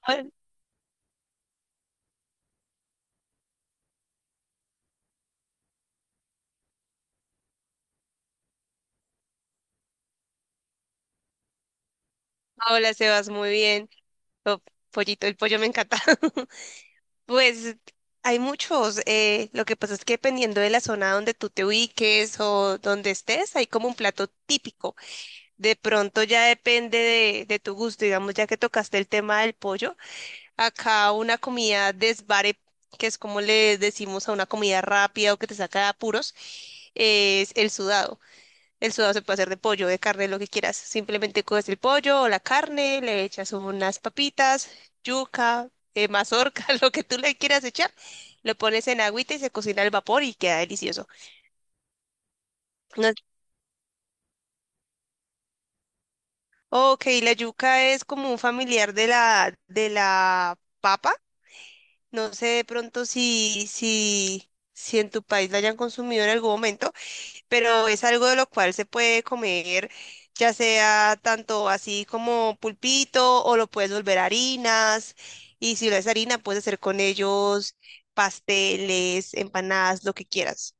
Hola, hola, Sebas, muy bien. Oh, pollito, el pollo me encanta. Pues hay muchos. Lo que pasa es que dependiendo de la zona donde tú te ubiques o donde estés, hay como un plato típico. De pronto ya depende de tu gusto. Digamos, ya que tocaste el tema del pollo, acá una comida desvare, que es como le decimos a una comida rápida o que te saca de apuros, es el sudado. El sudado se puede hacer de pollo, de carne, lo que quieras. Simplemente coges el pollo o la carne, le echas unas papitas, yuca, mazorca, lo que tú le quieras echar. Lo pones en agüita y se cocina al vapor y queda delicioso. No- Ok, la yuca es como un familiar de la papa. No sé de pronto si en tu país la hayan consumido en algún momento, pero es algo de lo cual se puede comer, ya sea tanto así como pulpito o lo puedes volver harinas. Y si lo es harina, puedes hacer con ellos pasteles, empanadas, lo que quieras.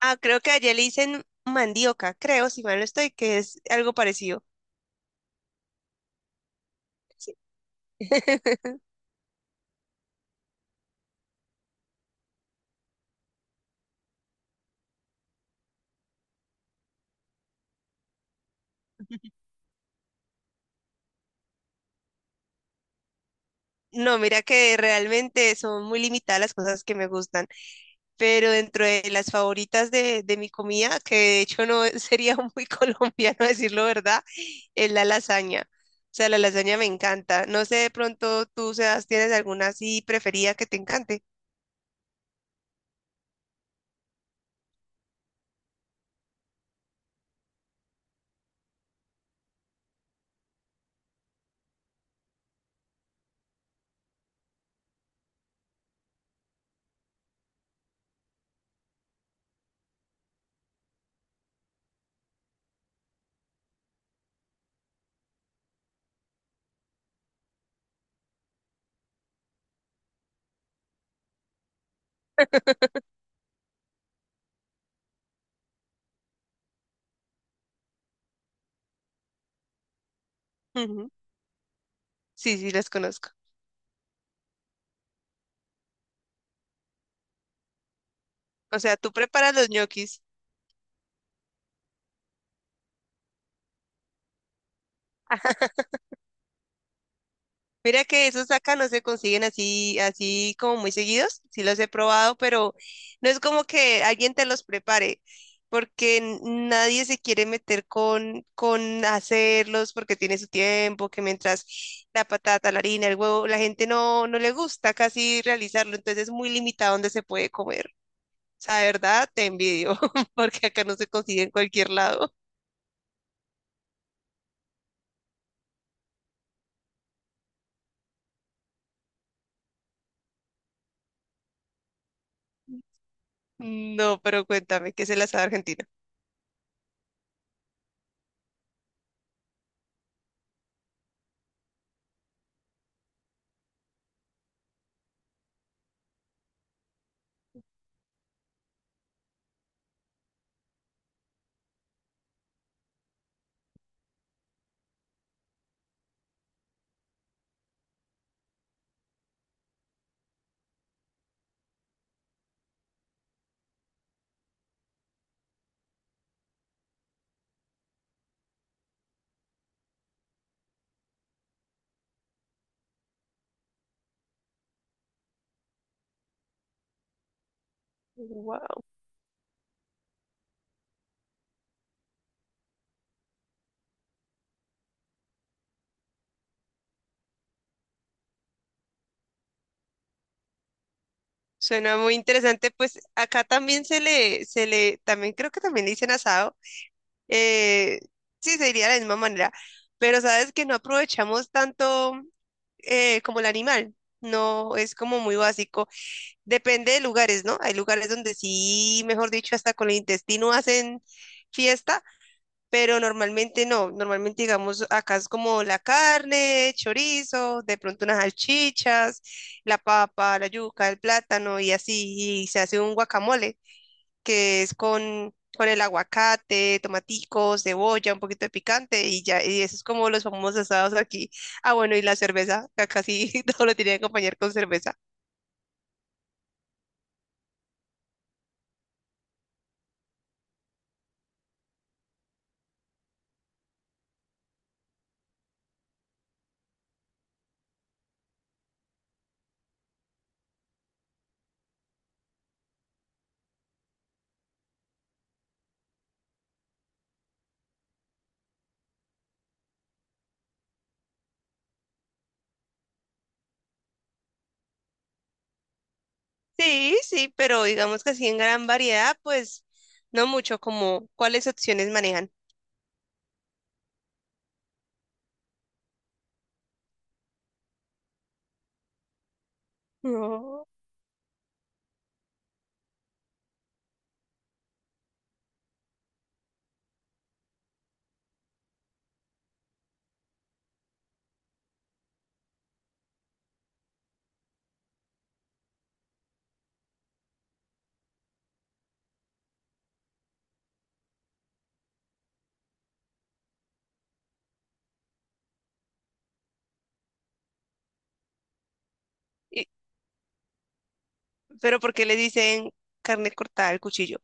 Ah, creo que allá le dicen mandioca, creo, si mal no estoy, que es algo parecido. Sí. No, mira que realmente son muy limitadas las cosas que me gustan, pero dentro de las favoritas de mi comida, que de hecho no sería muy colombiano decirlo, ¿verdad? Es la lasaña. O sea, la lasaña me encanta. No sé, de pronto tú, Sebas, tienes alguna así preferida que te encante. Ujú. Sí, sí, las conozco. O sea, tú preparas los ñoquis. Mira que esos acá no se consiguen así, así como muy seguidos. Sí los he probado, pero no es como que alguien te los prepare, porque nadie se quiere meter con hacerlos, porque tiene su tiempo, que mientras la patata, la harina, el huevo, la gente no, no le gusta casi realizarlo, entonces es muy limitado donde se puede comer. O sea, de verdad, te envidio, porque acá no se consigue en cualquier lado. No, pero cuéntame, ¿qué es el asado argentino? Suena muy interesante, pues acá también se le, también creo que también le dicen asado. eh, sí, se diría de la misma manera, pero sabes que no aprovechamos tanto, como el animal, no es como muy básico. Depende de lugares, ¿no? Hay lugares donde sí, mejor dicho, hasta con el intestino hacen fiesta, pero normalmente no, normalmente digamos acá es como la carne, chorizo, de pronto unas salchichas, la papa, la yuca, el plátano y así, y se hace un guacamole que es con el aguacate, tomaticos, cebolla, un poquito de picante y ya, y eso es como los famosos asados aquí. Ah, bueno, y la cerveza, que acá sí todo lo tiene que acompañar con cerveza. Sí, sí, pero digamos que así en gran variedad, pues no mucho, como cuáles opciones manejan. No. Pero ¿por qué le dicen carne cortada al cuchillo?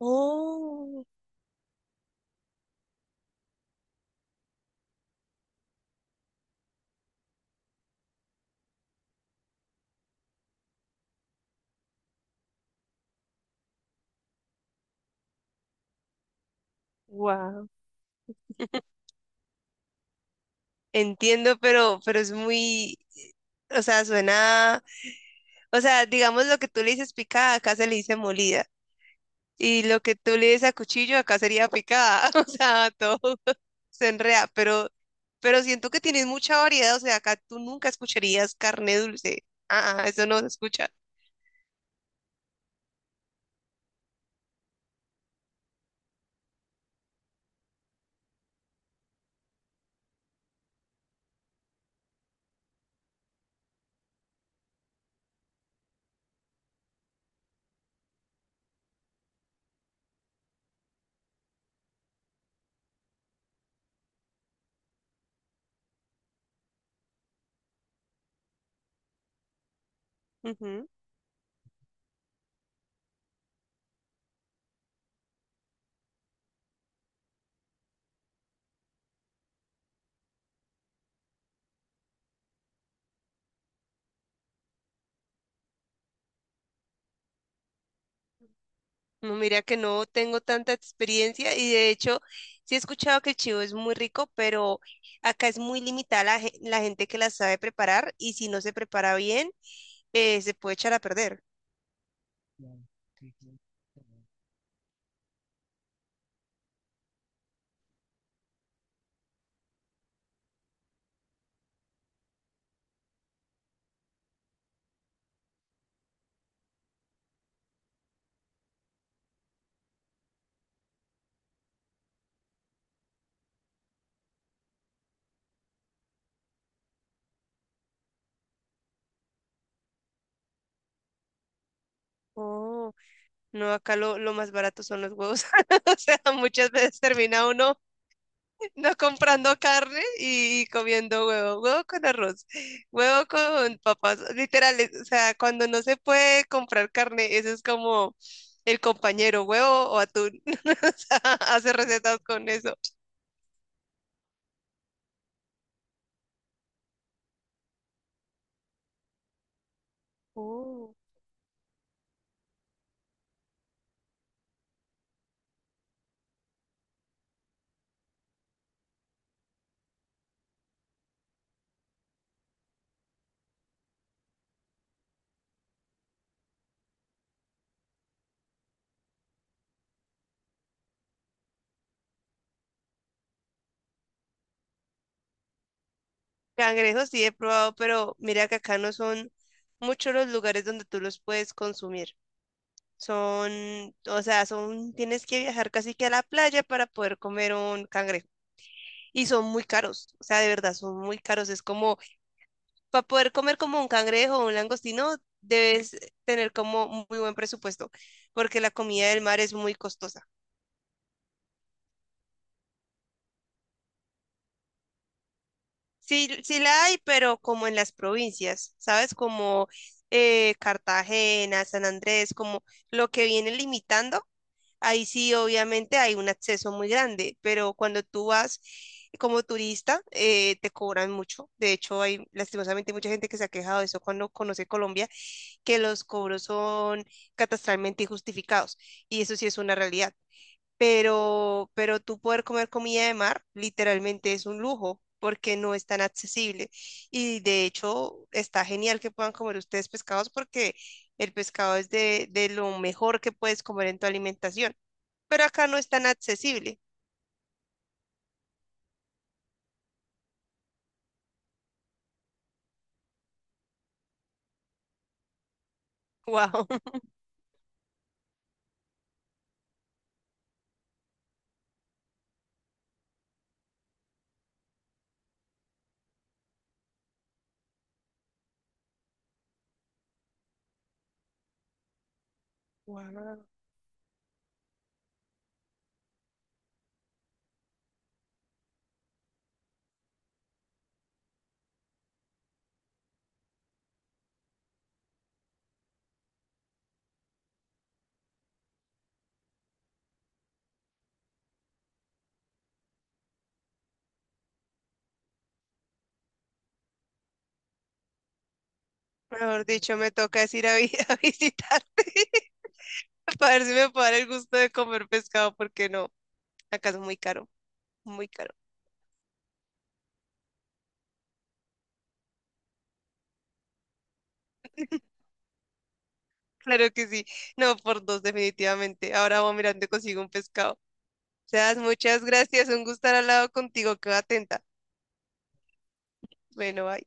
Oh, wow. Entiendo, pero es muy, o sea, suena, o sea, digamos lo que tú le dices picada, acá se le dice molida. Y lo que tú le dices a cuchillo, acá sería picada. O sea, todo se enrea, pero siento que tienes mucha variedad. O sea, acá tú nunca escucharías carne dulce. Ah, ah, eso no se escucha. Ujú. No, mira que no tengo tanta experiencia y de hecho sí he escuchado que el chivo es muy rico, pero acá es muy limitada la gente que la sabe preparar y si no se prepara bien, se puede echar a perder. Oh, no, acá lo más barato son los huevos. O sea, muchas veces termina uno no comprando carne y comiendo huevo, huevo con arroz, huevo con papas, literal, o sea, cuando no se puede comprar carne, eso es como el compañero, huevo o atún, o sea, hace recetas con eso. Uh. Cangrejos sí he probado, pero mira que acá no son muchos los lugares donde tú los puedes consumir. Son, o sea, son, tienes que viajar casi que a la playa para poder comer un cangrejo. Y son muy caros, o sea, de verdad, son muy caros. Es como para poder comer como un cangrejo o un langostino, debes tener como muy buen presupuesto, porque la comida del mar es muy costosa. Sí, sí la hay, pero como en las provincias, ¿sabes? Como Cartagena, San Andrés, como lo que viene limitando, ahí sí obviamente hay un acceso muy grande, pero cuando tú vas como turista, te cobran mucho. De hecho, hay lastimosamente mucha gente que se ha quejado de eso cuando conoce Colombia, que los cobros son catastralmente injustificados, y eso sí es una realidad. Pero tú poder comer comida de mar literalmente es un lujo porque no es tan accesible. Y de hecho está genial que puedan comer ustedes pescados porque el pescado es de lo mejor que puedes comer en tu alimentación, pero acá no es tan accesible. Wow, mejor dicho, me toca es ir a, a visitarte para ver si me puedo dar el gusto de comer pescado porque no, acá es muy caro, muy caro. Claro que sí. No, por dos, definitivamente. Ahora voy mirando y consigo un pescado. Sebas, muchas gracias. Un gusto estar al lado contigo. Quedo atenta. Bueno, bye.